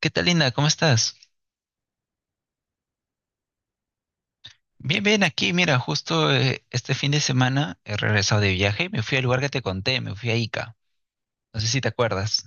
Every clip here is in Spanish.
¿Qué tal, Linda? ¿Cómo estás? Bien, bien, aquí, mira, justo este fin de semana he regresado de viaje y me fui al lugar que te conté, me fui a Ica. No sé si te acuerdas.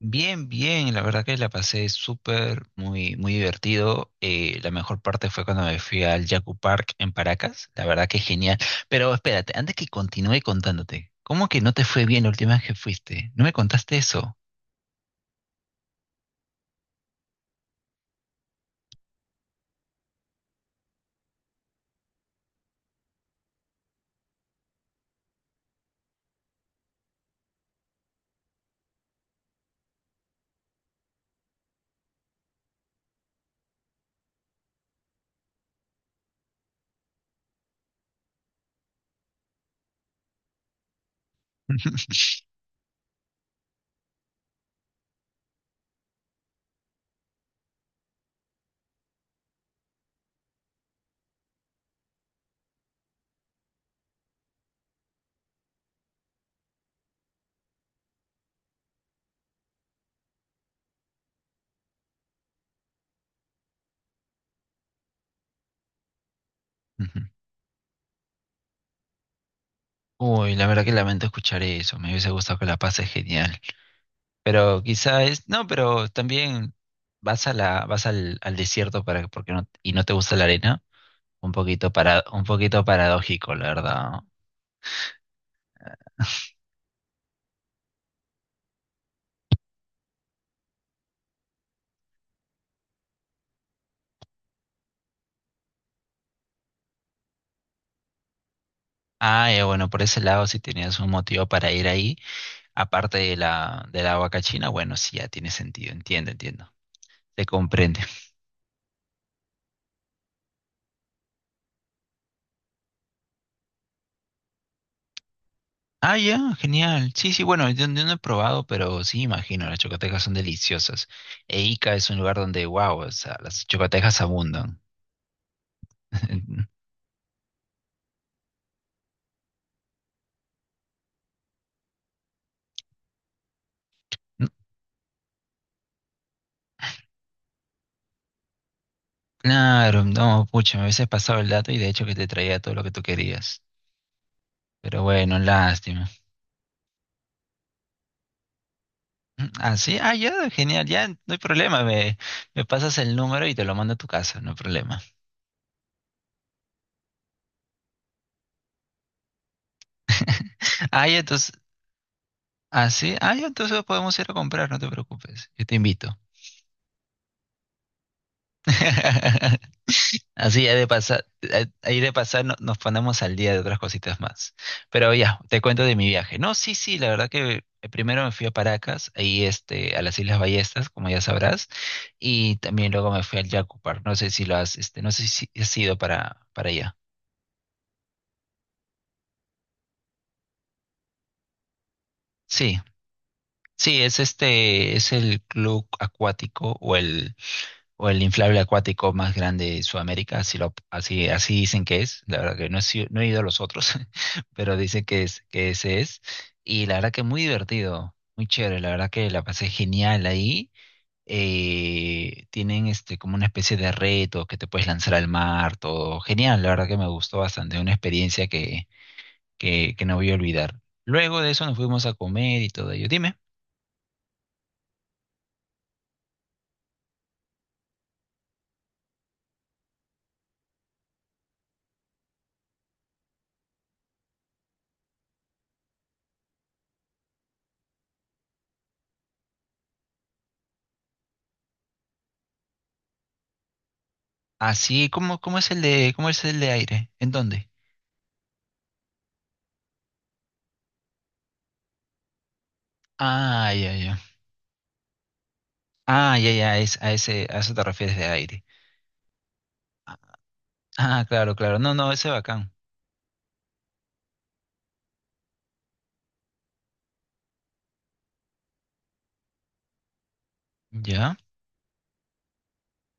Bien, bien, la verdad que la pasé súper, muy, muy divertido. La mejor parte fue cuando me fui al Yaku Park en Paracas. La verdad que genial. Pero espérate, antes que continúe contándote, ¿cómo que no te fue bien la última vez que fuiste? ¿No me contaste eso? Ujú. Uy, la verdad que lamento escuchar eso. Me hubiese gustado que la pases genial. Pero quizá es, no, pero también vas al al desierto para, porque no, y no te gusta la arena. Un poquito para, un poquito paradójico, la verdad. Ah, ya, bueno, por ese lado, si tenías un motivo para ir ahí, aparte de la vaca china, bueno, sí, ya tiene sentido, entiendo, entiendo. Se comprende. Ah, ya, genial. Sí, sí, bueno, yo no he probado, pero sí, imagino, las chocotecas son deliciosas. E Ica es un lugar donde, wow, o sea, las chocotecas abundan. Claro, no, pucha, me hubiese pasado el dato y de hecho que te traía todo lo que tú querías. Pero bueno, lástima. Ah, sí, ah, ya, genial, ya, no hay problema, me pasas el número y te lo mando a tu casa, no hay problema. Ah, ya, entonces, ah, sí, ah, ya, entonces podemos ir a comprar, no te preocupes, yo te invito. Así hay de pasar, ahí de pasar nos ponemos al día de otras cositas más. Pero ya, te cuento de mi viaje. No, sí, sí, la verdad que primero me fui a Paracas, ahí este, a las Islas Ballestas, como ya sabrás, y también luego me fui al Yacupar. No sé si lo has, este, no sé si has ido para allá. Sí, sí, es este, es el club acuático o el inflable acuático más grande de Sudamérica, así, lo, así, así dicen que es, la verdad que no he, no he ido a los otros, pero dicen que, es, que ese es, y la verdad que muy divertido, muy chévere, la verdad que la pasé genial ahí, tienen este, como una especie de reto que te puedes lanzar al mar, todo genial, la verdad que me gustó bastante, una experiencia que, que no voy a olvidar. Luego de eso nos fuimos a comer y todo ello, dime, así, ¿cómo, cómo es el de, cómo es el de aire? ¿En dónde? Ah, ya, ya. Ah, ya, ya, es, a ese, a eso te refieres de aire. Ah, claro, claro. No, no, ese bacán. ¿Ya?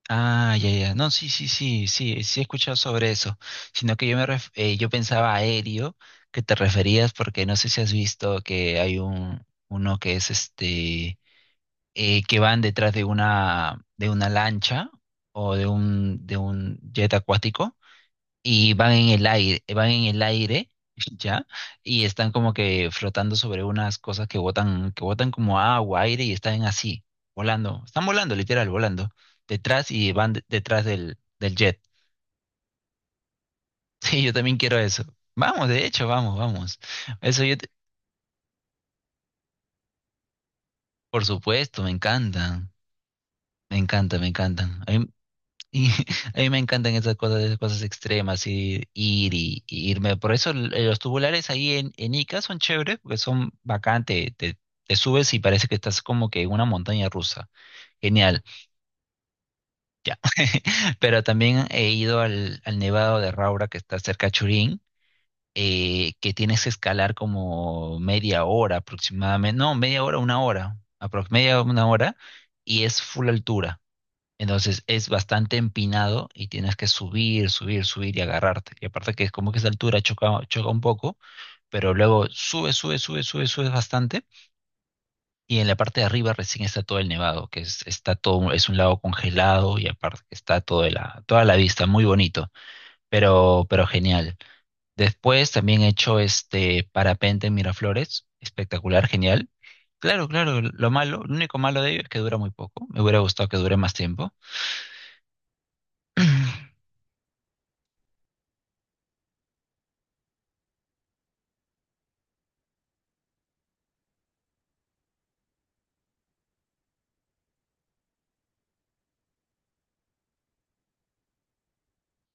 Ah, ya, ya. No, sí, sí, sí, sí, sí he escuchado sobre eso. Sino que yo me yo pensaba aéreo, que te referías, porque no sé si has visto que hay un uno que es este que van detrás de una lancha o de un jet acuático, y van en el aire, van en el aire. ¿Ya? Y están como que flotando sobre unas cosas que botan como agua, aire y están así, volando, están volando, literal, volando, detrás y van detrás del, del jet. Sí, yo también quiero eso. Vamos, de hecho, vamos, vamos. Eso yo, por supuesto, me encantan, me encanta, me encantan. Y a mí me encantan esas cosas extremas, y ir y irme. Por eso los tubulares ahí en Ica son chéveres, porque son bacán, te, te subes y parece que estás como que en una montaña rusa. Genial, ya. Pero también he ido al, al Nevado de Raura, que está cerca de Churín, que tienes que escalar como media hora aproximadamente, no, media hora, una hora, aprox media una hora, y es full altura. Entonces es bastante empinado y tienes que subir, subir, subir y agarrarte. Y aparte que es como que esa altura choca, choca un poco, pero luego sube, sube, sube, sube, sube bastante. Y en la parte de arriba recién está todo el nevado, que es, está todo, es un lago congelado y aparte que está toda la vista, muy bonito, pero genial. Después también he hecho este parapente en Miraflores, espectacular, genial. Claro, claro, lo malo, lo único malo de ello es que dura muy poco. Me hubiera gustado que dure más tiempo.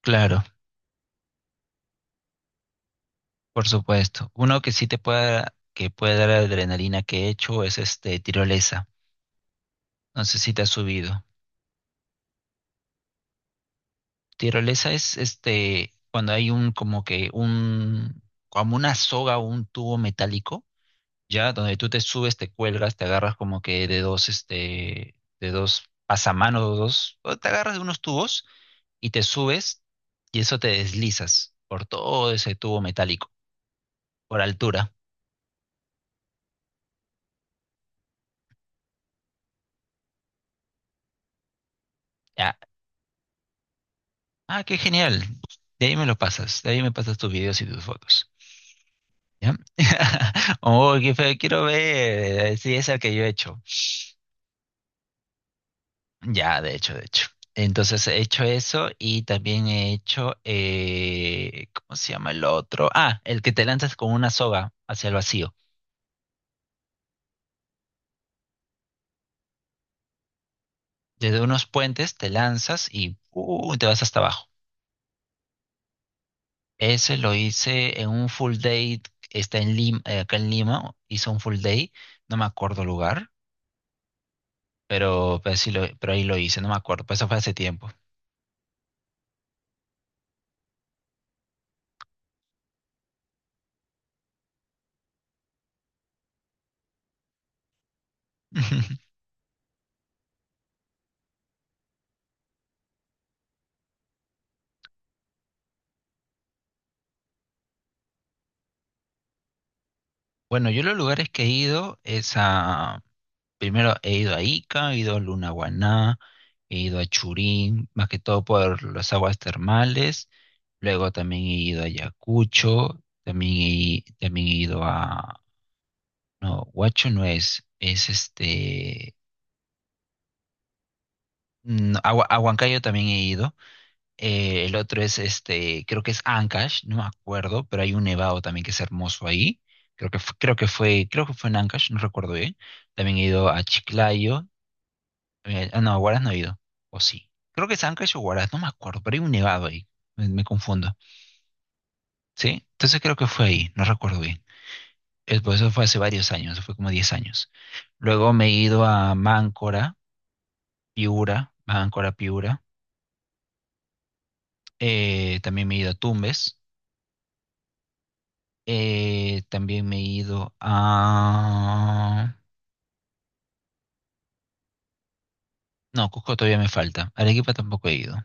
Claro. Por supuesto. Uno que sí te puede, que puede dar adrenalina que he hecho es este tirolesa. No sé si te has subido. Tirolesa es este cuando hay un como que un como una soga o un tubo metálico, ya donde tú te subes, te cuelgas, te agarras como que de dos este de dos pasamanos, o dos, o te agarras de unos tubos y te subes y eso te deslizas por todo ese tubo metálico por altura. Ah, qué genial. De ahí me lo pasas. De ahí me pasas tus videos y tus fotos. ¿Ya? Oh, qué feo. Quiero ver. Sí, es el que yo he hecho. Ya, de hecho, de hecho. Entonces he hecho eso y también he hecho, ¿cómo se llama el otro? Ah, el que te lanzas con una soga hacia el vacío. Desde unos puentes te lanzas y te vas hasta abajo. Ese lo hice en un full day, está en Lima, acá en Lima, hice un full day, no me acuerdo lugar pero, sí lo, pero ahí lo hice, no me acuerdo, pues eso fue hace tiempo. Bueno, yo los lugares que he ido es a... Primero he ido a Ica, he ido a Lunahuaná, he ido a Churín, más que todo por las aguas termales. Luego también he ido a Ayacucho, también he ido a... No, Huacho no es, es este... No, a, a Huancayo también he ido. El otro es este, creo que es Ancash, no me acuerdo, pero hay un nevado también que es hermoso ahí. Creo que, creo que fue en Ancash, no recuerdo bien. También he ido a Chiclayo. Eh, ah, no, a Huaraz no he ido. O sí. Creo que es Ancash o Huaraz, no me acuerdo, pero hay un nevado ahí. Me confundo. ¿Sí? Entonces creo que fue ahí, no recuerdo bien. Pues eso fue hace varios años, eso fue como 10 años. Luego me he ido a Máncora, Piura, Máncora, Piura. También me he ido a Tumbes. También me he ido a... No, Cusco todavía me falta. Arequipa tampoco he ido.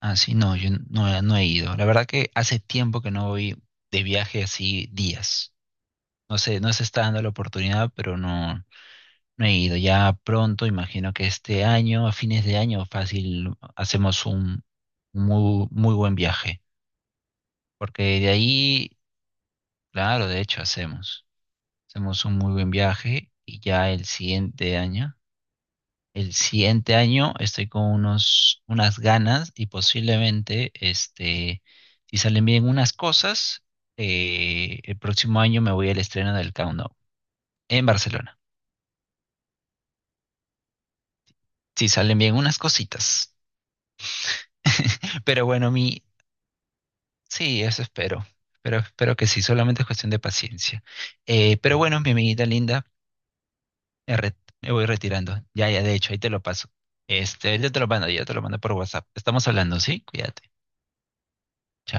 Ah, sí, no, yo no, no he ido. La verdad que hace tiempo que no voy de viaje así días. No sé, no se está dando la oportunidad, pero no, no he ido. Ya pronto, imagino que este año, a fines de año, fácil, hacemos un muy, muy buen viaje. Porque de ahí, claro, de hecho hacemos. Hacemos un muy buen viaje y ya el siguiente año. El siguiente año estoy con unos, unas ganas y posiblemente, este, si salen bien unas cosas, el próximo año me voy al estreno del Countdown en Barcelona. Si salen bien unas cositas. Pero bueno, mi, sí, eso espero. Pero espero que sí, solamente es cuestión de paciencia. Pero bueno, mi amiguita linda, me, me voy retirando. Ya, ya, de hecho, ahí te lo paso. Este, yo te lo mando, yo te lo mando por WhatsApp. Estamos hablando, ¿sí? Cuídate. Chao.